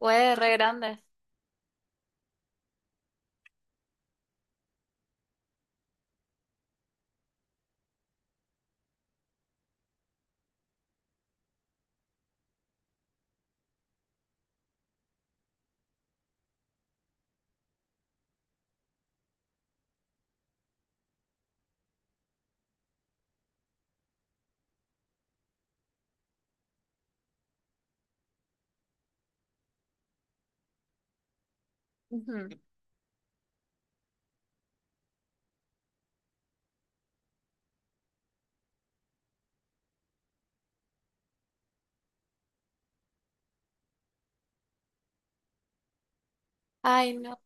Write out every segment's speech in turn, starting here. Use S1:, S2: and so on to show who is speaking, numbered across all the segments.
S1: Fue re grande. Ujú. Ay, no.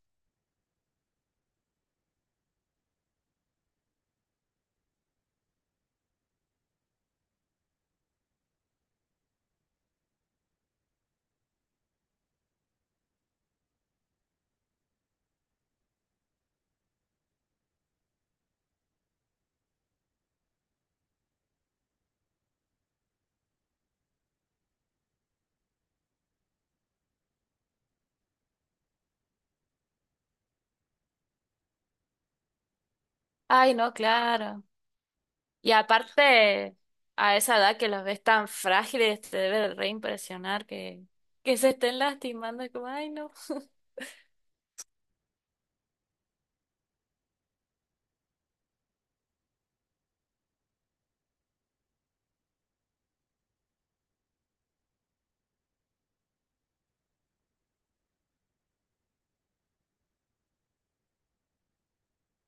S1: Ay, no, claro. Y aparte, a esa edad que los ves tan frágiles, te debe de re impresionar que se estén lastimando. Es como, ay, no.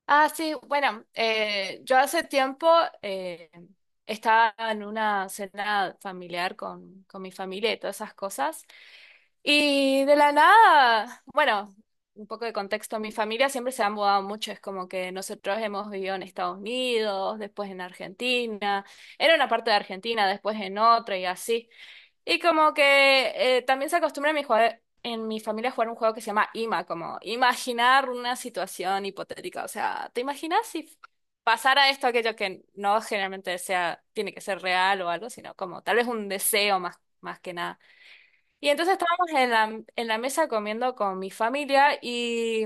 S1: Sí, bueno, yo hace tiempo eh, estaba en una cena familiar con mi familia y todas esas cosas. Y de la nada, bueno, un poco de contexto, mi familia siempre se ha mudado mucho, es como que nosotros hemos vivido en Estados Unidos, después en Argentina, en una parte de Argentina, después en otra y así. Y como que también se acostumbra en mi, en mi familia a jugar un juego que se llama IMA, como imaginar una situación hipotética, o sea, ¿te imaginas si pasara esto, aquello que no generalmente sea, tiene que ser real o algo, sino como tal vez un deseo más, más que nada? Y entonces estábamos en en la mesa comiendo con mi familia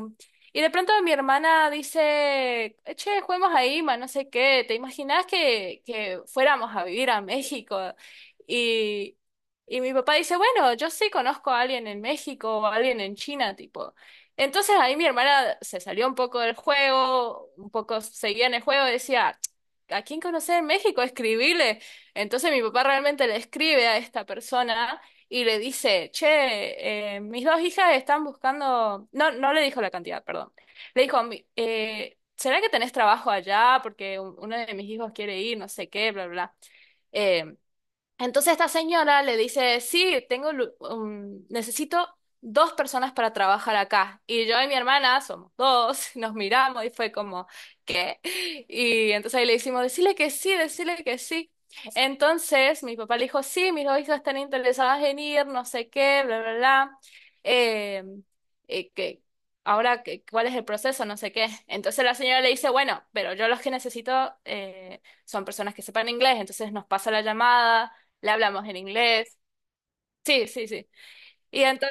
S1: y de pronto mi hermana dice, che, juguemos a IMA, no sé qué, ¿te imaginás que fuéramos a vivir a México? Y, y mi papá dice, bueno, yo sí conozco a alguien en México o a alguien en China, tipo. Entonces ahí mi hermana se salió un poco del juego, un poco seguía en el juego, decía, ¿a quién conocer en México? Escribile. Entonces mi papá realmente le escribe a esta persona y le dice, che, mis dos hijas están buscando, no, no le dijo la cantidad, perdón, le dijo: ¿Será que tenés trabajo allá? Porque uno de mis hijos quiere ir, no sé qué, bla, bla, bla". Eh, entonces esta señora le dice, sí, tengo, necesito dos personas para trabajar acá. Y yo y mi hermana somos dos, nos miramos y fue como, ¿qué? Y entonces ahí le hicimos, decirle que sí, decirle que sí. Entonces mi papá le dijo, sí, mis dos hijas están interesadas en ir, no sé qué, bla, bla, bla. Eh, eh, que, Ahora, ¿cuál es el proceso? No sé qué. Entonces la señora le dice, bueno, pero yo los que necesito son personas que sepan inglés, entonces nos pasa la llamada, le hablamos en inglés. Sí, sí, sí. Y, ento-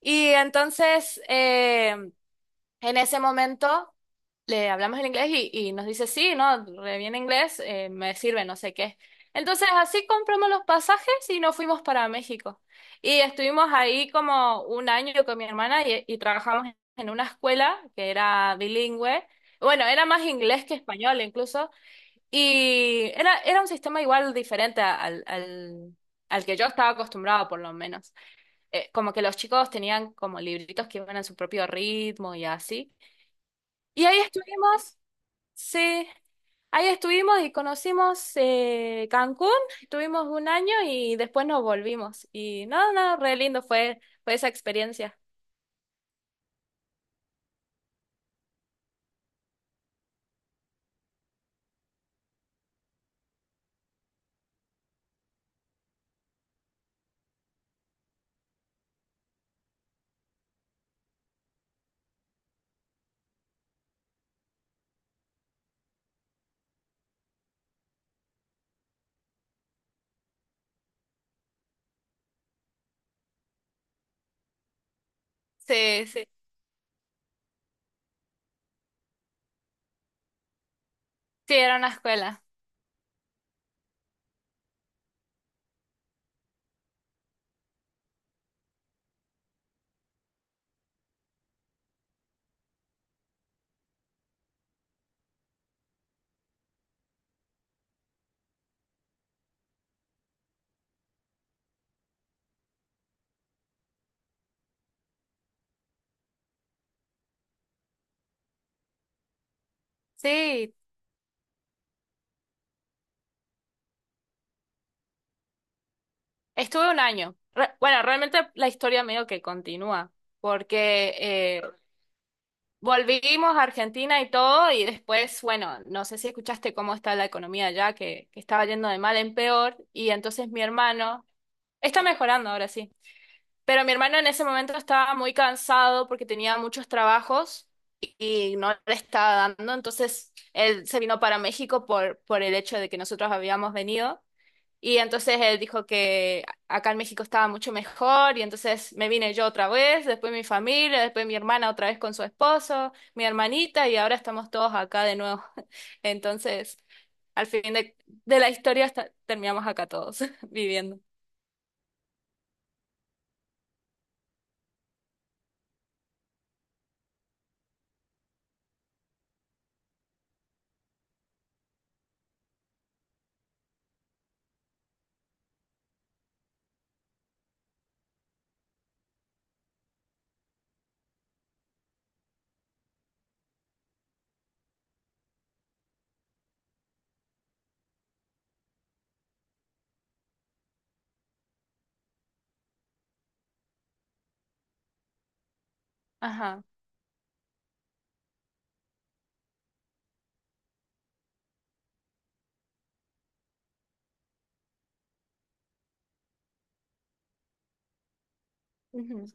S1: y entonces, en ese momento, le hablamos en inglés y nos dice, sí, no, re bien inglés, me sirve, no sé qué. Entonces, así compramos los pasajes y nos fuimos para México. Y estuvimos ahí como un año con mi hermana y trabajamos en una escuela que era bilingüe. Bueno, era más inglés que español, incluso. Y era, era un sistema igual diferente al que yo estaba acostumbrado, por lo menos. Como que los chicos tenían como libritos que iban a su propio ritmo y así. Y ahí estuvimos, sí, ahí estuvimos y conocimos Cancún, estuvimos un año y después nos volvimos. Y no, no, re lindo fue, fue esa experiencia. Sí, sí, sí, era una escuela. Sí, estuve un año. Bueno, realmente la historia medio que continúa, porque... volvimos a Argentina y todo, y después, bueno, no sé si escuchaste cómo está la economía allá, que estaba yendo de mal en peor, y entonces mi hermano, está mejorando ahora sí, pero mi hermano en ese momento estaba muy cansado porque tenía muchos trabajos y, y no le estaba dando, entonces él se vino para México por el hecho de que nosotros habíamos venido. Y entonces él dijo que acá en México estaba mucho mejor y entonces me vine yo otra vez, después mi familia, después mi hermana otra vez con su esposo, mi hermanita y ahora estamos todos acá de nuevo. Entonces, al fin de la historia esta- terminamos acá todos viviendo. Ajá. Ujú.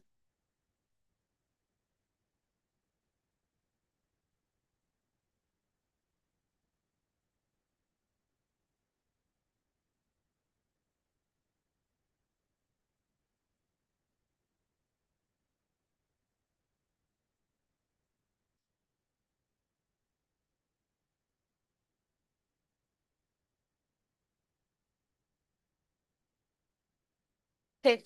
S1: Sí,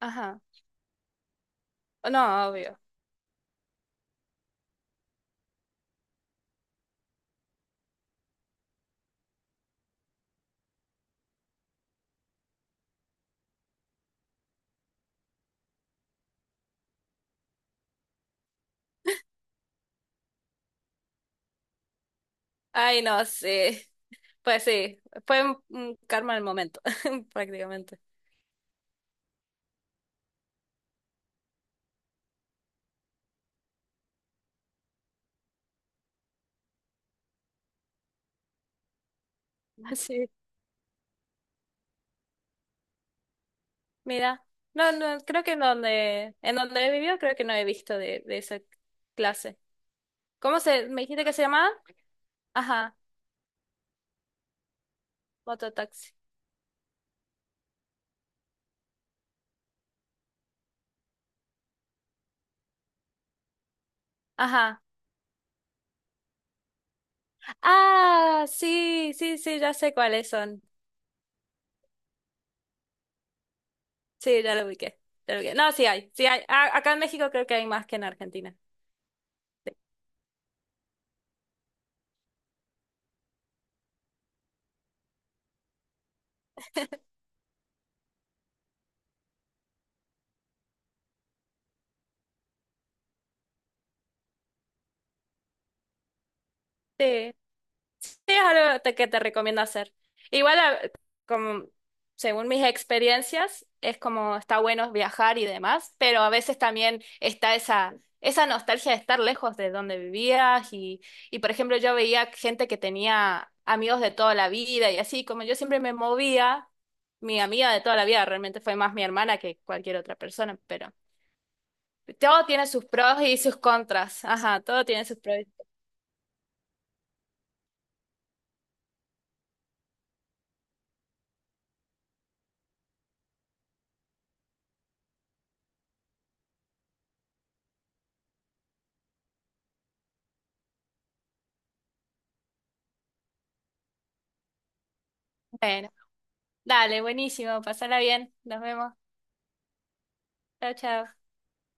S1: ajá. Oh, no, obvio. Ay, no, sí. Pues sí, fue un karma del momento, prácticamente. Sí. Mira, no, no, creo que en donde he vivido creo que no he visto de esa clase. ¿Cómo se, me dijiste que se llamaba? Ajá, mototaxi. Ajá. Ah, sí, sí, sí, ya sé cuáles son. Sí, ya lo ubiqué, ya lo ubiqué. No, sí hay, sí hay. Acá en México creo que hay más que en Argentina. Sí. Sí, es algo que te recomiendo hacer. Igual, como, según mis experiencias, es como está bueno viajar y demás, pero a veces también está esa, esa nostalgia de estar lejos de donde vivías y, por ejemplo, yo veía gente que tenía amigos de toda la vida y así, como yo siempre me movía, mi amiga de toda la vida realmente fue más mi hermana que cualquier otra persona, pero todo tiene sus pros y sus contras. Ajá, todo tiene sus pros. Bueno, dale, buenísimo, pasala bien, nos vemos. Chao, chao.